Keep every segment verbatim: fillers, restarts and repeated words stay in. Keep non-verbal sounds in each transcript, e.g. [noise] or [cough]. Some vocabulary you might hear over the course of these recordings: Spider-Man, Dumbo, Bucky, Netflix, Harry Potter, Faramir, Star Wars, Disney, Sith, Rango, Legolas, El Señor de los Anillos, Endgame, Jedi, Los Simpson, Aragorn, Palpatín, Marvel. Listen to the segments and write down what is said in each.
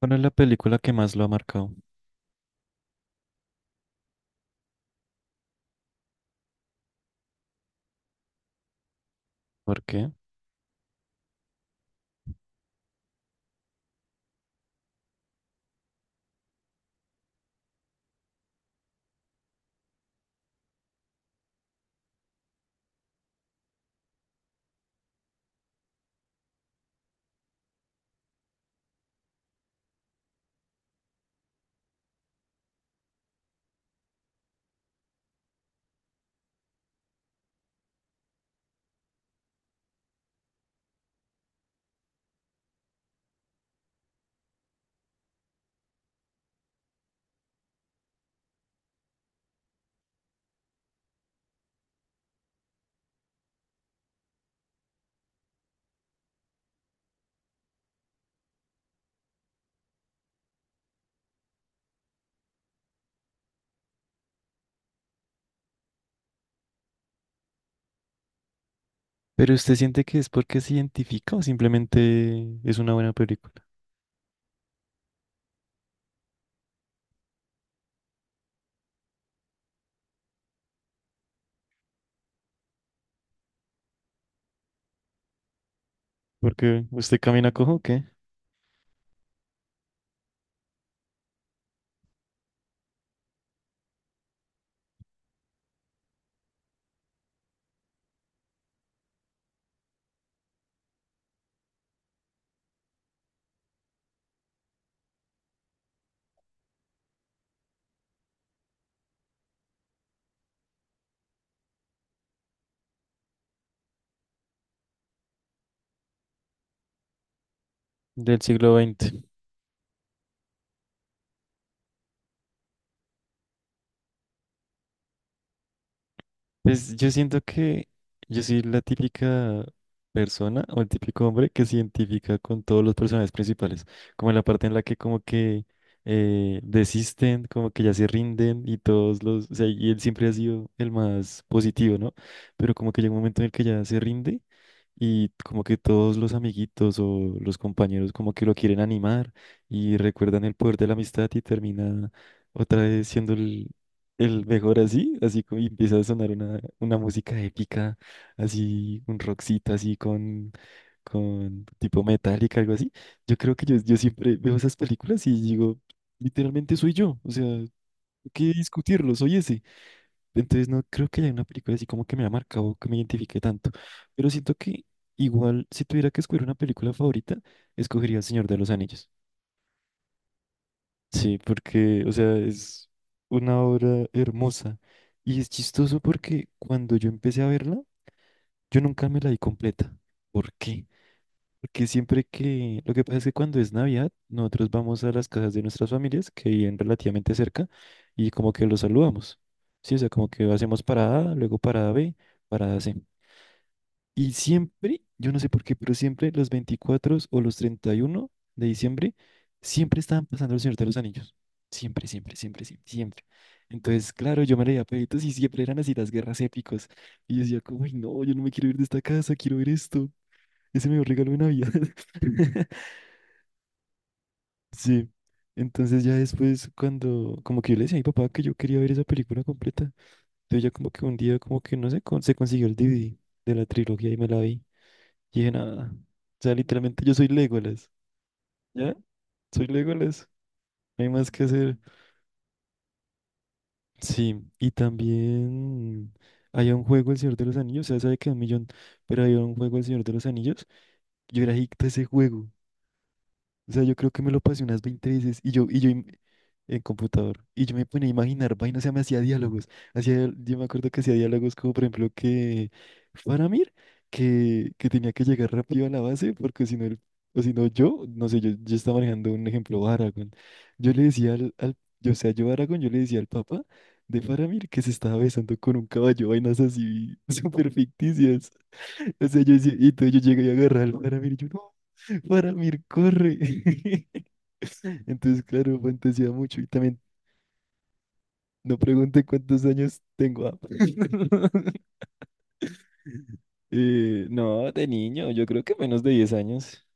¿Cuál es la película que más lo ha marcado? ¿Por qué? ¿Pero usted siente que es porque se identifica o simplemente es una buena película? Porque usted camina cojo, ¿o qué? Del siglo veinte. Pues yo siento que yo soy la típica persona o el típico hombre que se identifica con todos los personajes principales, como en la parte en la que como que eh, desisten, como que ya se rinden y todos los, o sea, y él siempre ha sido el más positivo, ¿no? Pero como que llega un momento en el que ya se rinde. Y como que todos los amiguitos o los compañeros como que lo quieren animar y recuerdan el poder de la amistad y termina otra vez siendo el, el mejor así, así como y empieza a sonar una, una música épica, así un rockcito así con, con tipo metálica, algo así. Yo creo que yo, yo siempre veo esas películas y digo, literalmente soy yo, o sea, hay que discutirlo, soy ese. Entonces no creo que haya una película así como que me haya marcado, que me identifique tanto. Pero siento que igual si tuviera que escoger una película favorita, escogería El Señor de los Anillos. Sí, porque, o sea, es una obra hermosa. Y es chistoso porque cuando yo empecé a verla, yo nunca me la di completa. ¿Por qué? Porque siempre que... Lo que pasa es que cuando es Navidad, nosotros vamos a las casas de nuestras familias, que viven relativamente cerca, y como que los saludamos. Sí, o sea, como que hacemos parada, luego parada B, parada C. Y siempre, yo no sé por qué, pero siempre los veinticuatro o los treinta y uno de diciembre, siempre estaban pasando el Señor de los Anillos. Siempre, siempre, siempre, siempre, siempre. Entonces, claro, yo me leía peditos y siempre eran así las guerras épicas. Y yo decía, como, "Ay, no, yo no me quiero ir de esta casa, quiero ver esto. Ese me regalo de Navidad." [laughs] Sí. Entonces ya después cuando, como que yo le decía a mi papá que yo quería ver esa película completa. Entonces ya como que un día, como que no sé, con- se consiguió el D V D de la trilogía y me la vi. Y dije, nada. O sea, literalmente yo soy Legolas. ¿Ya? Soy Legolas. No hay más que hacer. Sí. Y también había un juego El Señor de los Anillos. O sea, sabe que un millón, pero había un juego El Señor de los Anillos. Yo era adicto a ese juego. O sea, yo creo que me lo pasé unas veinte veces y yo, y yo im- en computador. Y yo me ponía a imaginar vainas, o sea, me hacía diálogos. Hacía, yo me acuerdo que hacía diálogos como, por ejemplo, que Faramir, que, que tenía que llegar rápido a la base, porque si no, el- o si no yo, no sé, yo, yo estaba manejando un ejemplo, Aragorn. Yo le decía al, al- yo, o sea, yo Aragorn, yo le decía al papá de Faramir que se estaba besando con un caballo, vainas así [laughs] súper ficticias. O sea, yo decía, y entonces yo llegué y agarré al Faramir y yo, no, Faramir, corre. [laughs] Entonces, claro, fantasía mucho. Y también no pregunte cuántos años tengo. Ah. [laughs] Eh, no, de niño, yo creo que menos de diez años.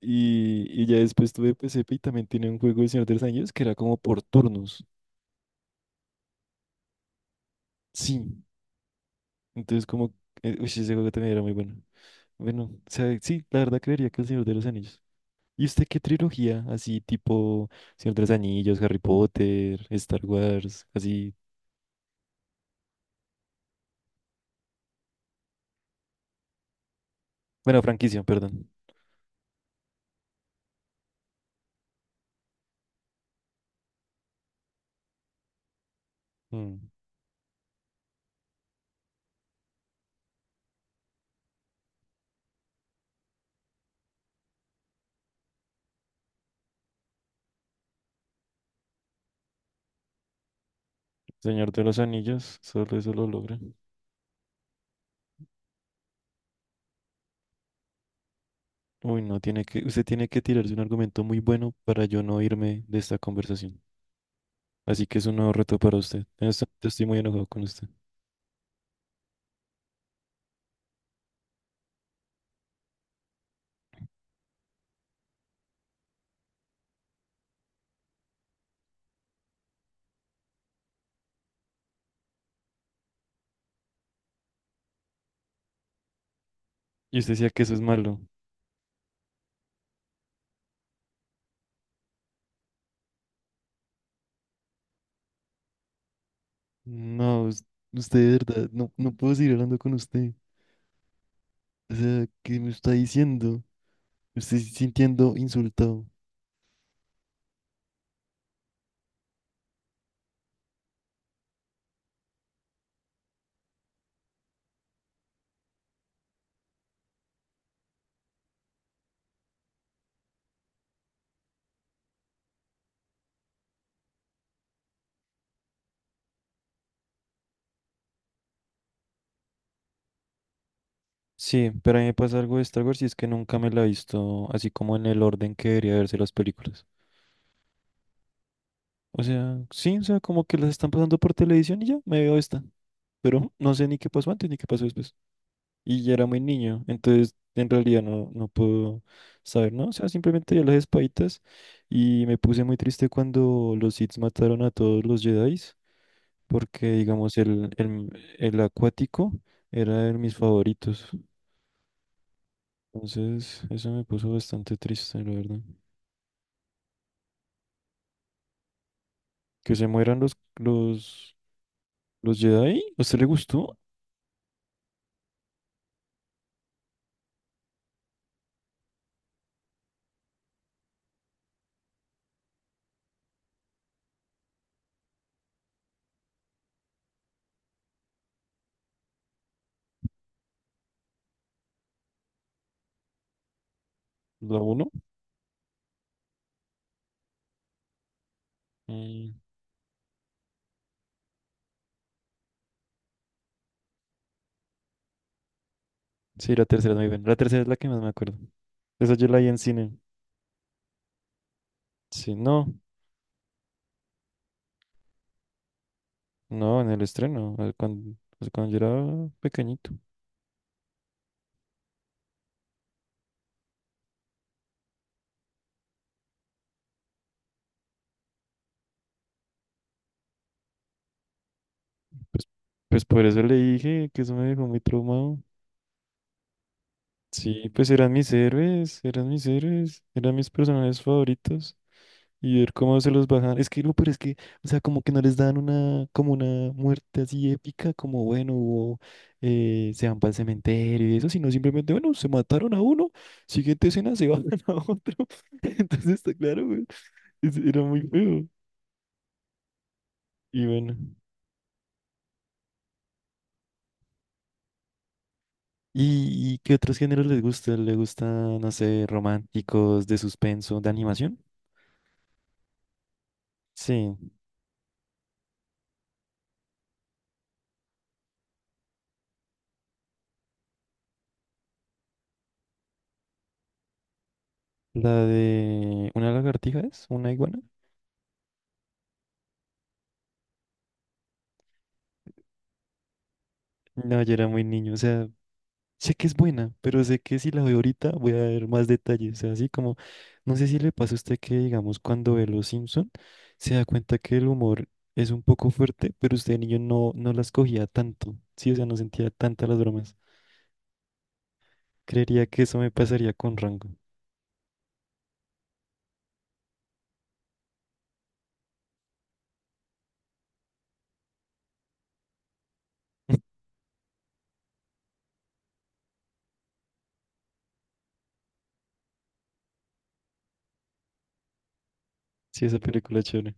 Y, y ya después tuve P C P y también tenía un juego de Señor de los Anillos que era como por turnos. Sí. Entonces, como. Eh, uy, ese juego también era muy bueno. Bueno, o sea, sí, la verdad creería que el Señor de los Anillos. ¿Y usted qué trilogía? Así tipo Señor de los Anillos, Harry Potter, Star Wars, así. Bueno, franquicia, perdón. Mm. Señor de los Anillos, solo eso lo logra. Uy, no, tiene que, usted tiene que tirarse un argumento muy bueno para yo no irme de esta conversación. Así que es un nuevo reto para usted. En este momento estoy muy enojado con usted. Y usted decía que eso es malo. No, us- usted de verdad, no, no puedo seguir hablando con usted. O sea, ¿qué me está diciendo? Me estoy sintiendo insultado. Sí, pero a mí me pasa algo de Star Wars y es que nunca me la he visto así como en el orden que debería verse las películas. O sea, sí, o sea, como que las están pasando por televisión y ya me veo esta. Pero no sé ni qué pasó antes ni qué pasó después. Y ya era muy niño, entonces en realidad no, no puedo saber, ¿no? O sea, simplemente ya las espaditas y me puse muy triste cuando los Sith mataron a todos los Jedi, porque digamos el, el, el acuático era de mis favoritos. Entonces, eso me puso bastante triste, la verdad. Que se mueran los, los, los Jedi, ¿a usted le gustó? ¿La uno? Mm. Sí, la tercera es muy buena. La tercera es la que más me acuerdo. Esa yo la vi en cine. Sí, no, no, en el estreno, eh, cuando, pues, cuando yo era pequeñito. Pues, pues por eso le dije que eso me dejó muy traumado. Sí, pues eran mis héroes, eran mis héroes, eran mis personajes favoritos. Y ver cómo se los bajan. Es que lo pero es que, o sea, como que no les dan una, como una muerte así épica, como bueno, hubo, eh, se van para el cementerio y eso, sino simplemente, bueno, se mataron a uno, siguiente escena se bajan [laughs] a otro. [laughs] Entonces está claro, güey. es- Era muy feo. Y bueno. ¿Y, y qué otros géneros les gusta? ¿Le gustan, no sé, románticos, de suspenso, de animación? Sí. La de una lagartija es, una iguana. No, yo era muy niño, o sea. Sé que es buena, pero sé que si la veo ahorita voy a ver más detalles. O sea, así como, no sé si le pasa a usted que, digamos, cuando ve Los Simpson, se da cuenta que el humor es un poco fuerte, pero usted de niño no, no las cogía tanto. Sí, o sea, no sentía tantas las bromas. Creería que eso me pasaría con Rango. [laughs] Sí, esa película es chévere.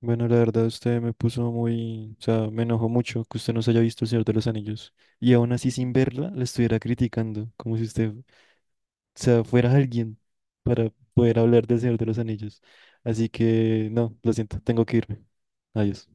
Bueno, la verdad, usted me puso muy, o sea, me enojó mucho que usted no se haya visto El Señor de los Anillos. Y aún así, sin verla, la estuviera criticando, como si usted sea, fuera alguien para poder hablar del Señor de los Anillos. Así que, no, lo siento, tengo que irme. Adiós.